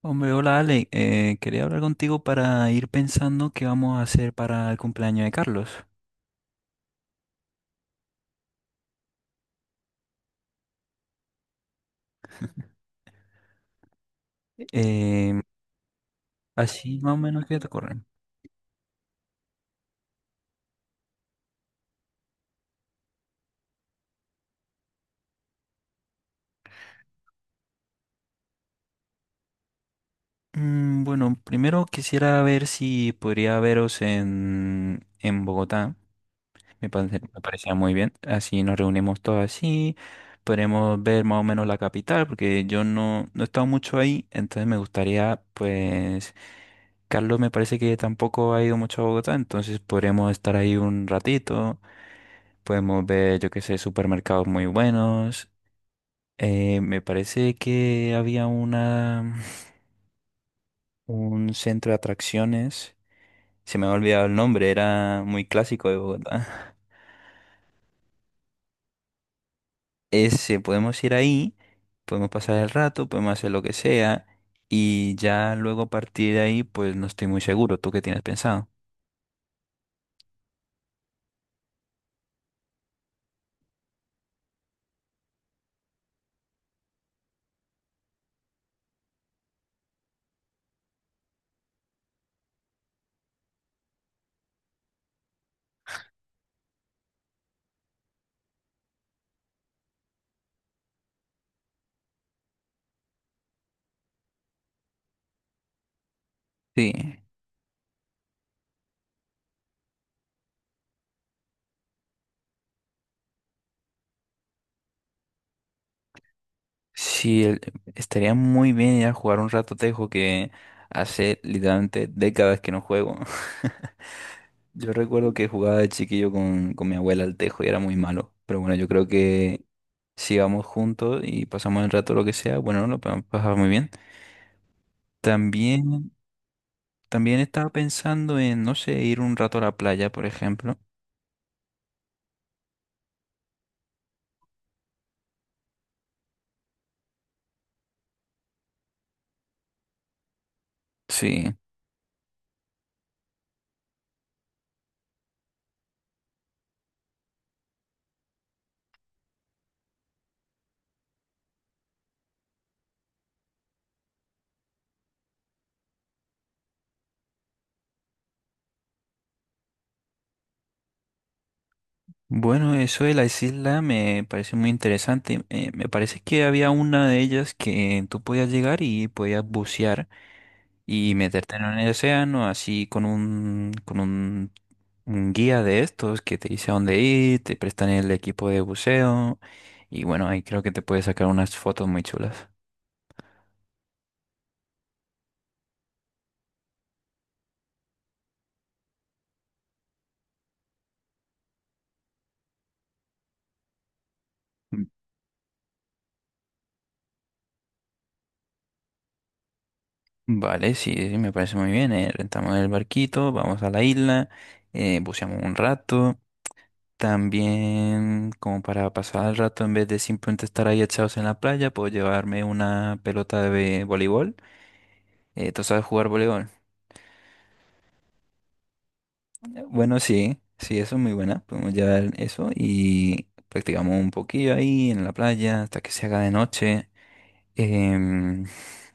Hombre, hola Ale. Quería hablar contigo para ir pensando qué vamos a hacer para el cumpleaños de Carlos. Em, así más o menos qué te corren. Bueno, primero quisiera ver si podría veros en Bogotá. Me parecía muy bien. Así nos reunimos todos así. Podremos ver más o menos la capital, porque yo no, no he estado mucho ahí, entonces me gustaría, pues, Carlos me parece que tampoco ha ido mucho a Bogotá, entonces podremos estar ahí un ratito. Podemos ver, yo qué sé, supermercados muy buenos. Me parece que había un centro de atracciones. Se me ha olvidado el nombre, era muy clásico de Bogotá. Ese, podemos ir ahí, podemos pasar el rato, podemos hacer lo que sea. Y ya luego a partir de ahí, pues no estoy muy seguro. ¿Tú qué tienes pensado? Sí, sí. Estaría muy bien ir a jugar un rato tejo que hace literalmente décadas que no juego. Yo recuerdo que jugaba de chiquillo con mi abuela al tejo y era muy malo. Pero bueno, yo creo que si vamos juntos y pasamos el rato lo que sea, bueno, lo podemos pasar muy bien. También, también estaba pensando en, no sé, ir un rato a la playa, por ejemplo. Sí. Bueno, eso de las islas me parece muy interesante. Me parece que había una de ellas que tú podías llegar y podías bucear y meterte en el océano así con con un guía de estos que te dice a dónde ir, te prestan el equipo de buceo y bueno, ahí creo que te puedes sacar unas fotos muy chulas. Mm. Vale, sí, sí, me parece muy bien. Rentamos el barquito, vamos a la isla, buceamos un rato. También, como para pasar el rato, en vez de simplemente estar ahí echados en la playa, puedo llevarme una pelota de voleibol. ¿Tú sabes jugar voleibol? Bueno, sí, sí, eso es muy buena. Podemos llevar eso y practicamos un poquillo ahí en la playa hasta que se haga de noche. Em,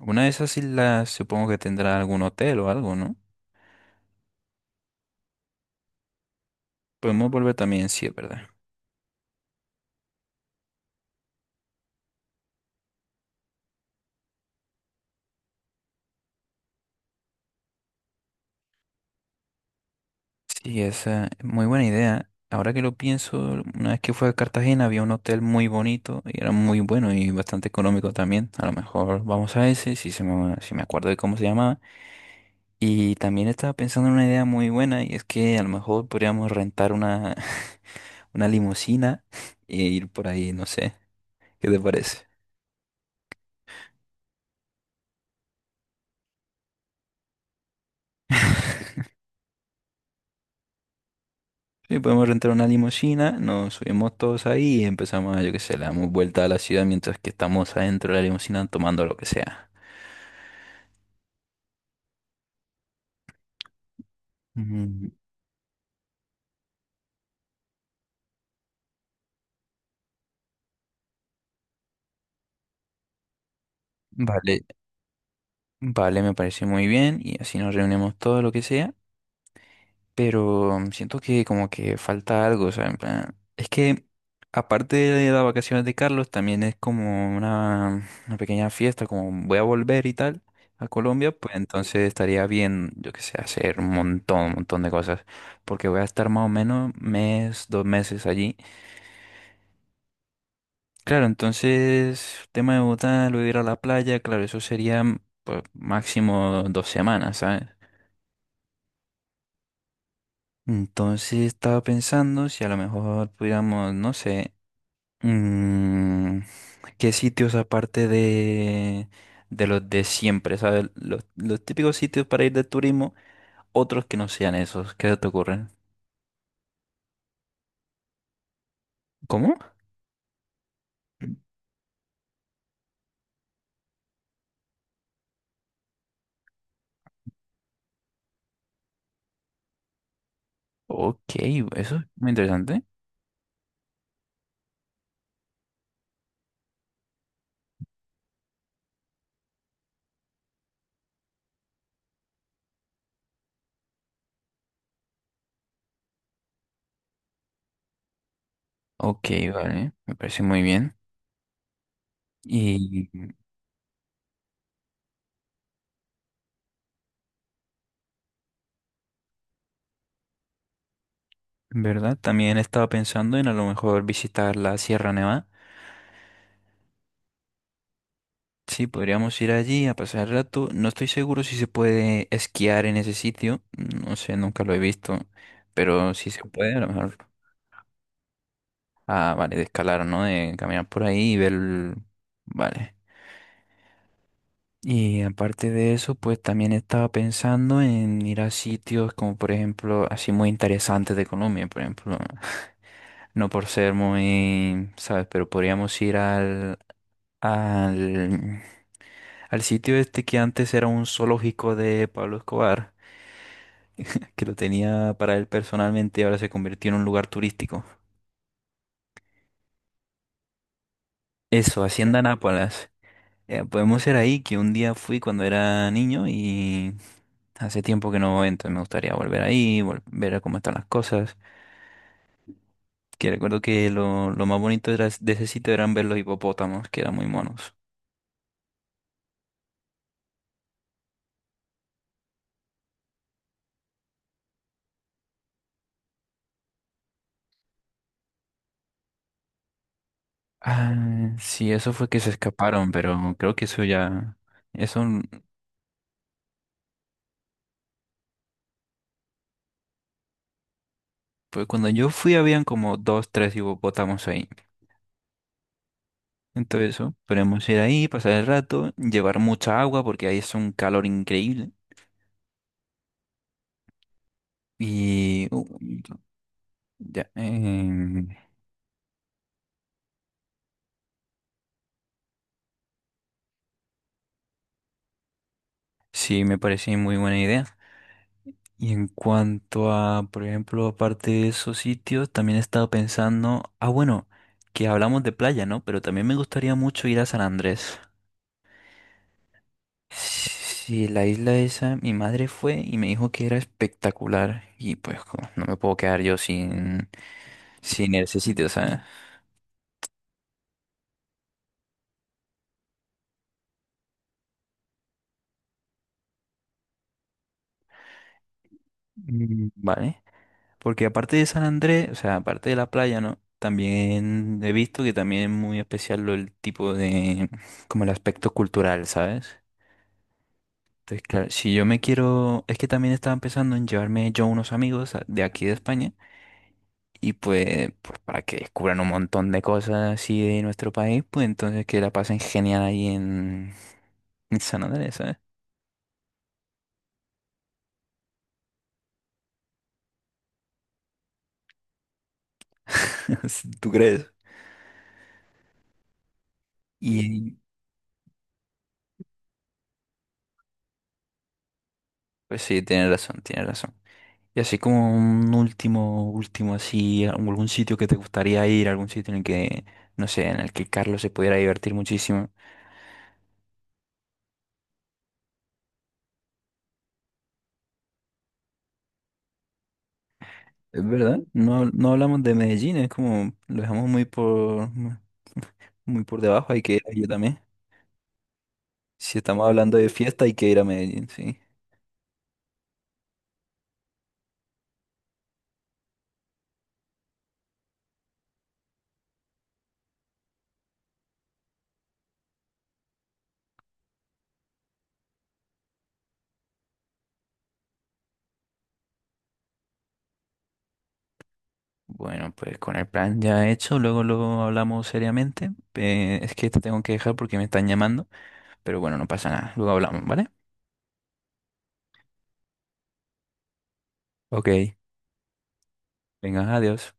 una de esas islas supongo que tendrá algún hotel o algo, ¿no? Podemos volver también, sí, es verdad. Sí, esa es muy buena idea. Ahora que lo pienso, una vez que fue a Cartagena había un hotel muy bonito y era muy bueno y bastante económico también. A lo mejor vamos a ese, si me acuerdo de cómo se llamaba. Y también estaba pensando en una idea muy buena y es que a lo mejor podríamos rentar una limusina e ir por ahí, no sé, ¿qué te parece? Sí, podemos rentar una limusina, nos subimos todos ahí y empezamos, a, yo qué sé, le damos vuelta a la ciudad mientras que estamos adentro de la limusina tomando lo que sea. Mm. Vale, vale, me parece muy bien y así nos reunimos todo lo que sea. Pero siento que como que falta algo, o sea, en plan, es que aparte de las vacaciones de Carlos, también es como una pequeña fiesta, como voy a volver y tal a Colombia, pues entonces estaría bien, yo qué sé, hacer un montón de cosas, porque voy a estar más o menos mes, dos meses allí. Claro, entonces, tema de Bogotá, luego ir a la playa, claro, eso sería pues máximo dos semanas, ¿sabes? Entonces estaba pensando si a lo mejor pudiéramos, no sé, Mm, ¿qué sitios de los de siempre, ¿sabes? Los típicos sitios para ir de turismo, otros que no sean esos, ¿qué se te ocurren? ¿Cómo? Ok, eso es muy interesante. Ok, vale, me parece muy bien. Y, ¿verdad? También estaba pensando en a lo mejor visitar la Sierra Nevada. Sí, podríamos ir allí a pasar el rato. No estoy seguro si se puede esquiar en ese sitio. No sé, nunca lo he visto. Pero si se puede, a lo mejor. Ah, vale, de escalar, ¿no? De caminar por ahí y ver. Vale. Y aparte de eso, pues también estaba pensando en ir a sitios como, por ejemplo, así muy interesantes de Colombia, por ejemplo. No por ser muy, ¿sabes? Pero podríamos ir al, al sitio este que antes era un zoológico de Pablo Escobar, que lo tenía para él personalmente y ahora se convirtió en un lugar turístico. Eso, Hacienda Nápoles. Podemos ser ahí, que un día fui cuando era niño y hace tiempo que no voy, entonces me gustaría volver ahí, ver cómo están las cosas. Que recuerdo que lo más bonito de ese sitio eran ver los hipopótamos, que eran muy monos. Ah, sí, eso fue que se escaparon, pero creo que eso ya... Eso, n- pues cuando yo fui habían como dos, tres hipopótamos ahí. Entonces eso, podemos ir ahí, pasar el rato, llevar mucha agua porque ahí es un calor increíble. Y... uh, ya, em, Sí, me parece muy buena idea. Y en cuanto a, por ejemplo, aparte de esos sitios, también he estado pensando, ah, bueno, que hablamos de playa, ¿no? Pero también me gustaría mucho ir a San Andrés. Sí, la isla esa, mi madre fue y me dijo que era espectacular y pues no me puedo quedar yo sin ese sitio, ¿sabes? Mm. Vale. Porque aparte de San Andrés, o sea, aparte de la playa, ¿no? También he visto que también es muy especial el tipo de, como el aspecto cultural, ¿sabes? Entonces, claro, si yo me quiero, es que también estaba pensando en llevarme yo unos amigos de aquí de España y pues para que descubran un montón de cosas así de nuestro país, pues entonces que la pasen genial en San Andrés, ¿sabes? ¿Tú crees? Y pues sí, tienes razón, tienes razón. Y así como un último, último, así, algún sitio que te gustaría ir, algún sitio en el que, no sé, en el que Carlos se pudiera divertir muchísimo. Es verdad, no, no hablamos de Medellín, es como, lo dejamos muy por, muy por debajo, hay que ir allí también. Si estamos hablando de fiesta, hay que ir a Medellín, sí. Bueno, pues con el plan ya hecho, luego lo hablamos seriamente. Es que te tengo que dejar porque me están llamando, pero bueno, no pasa nada, luego hablamos, ¿vale? Ok, venga, adiós.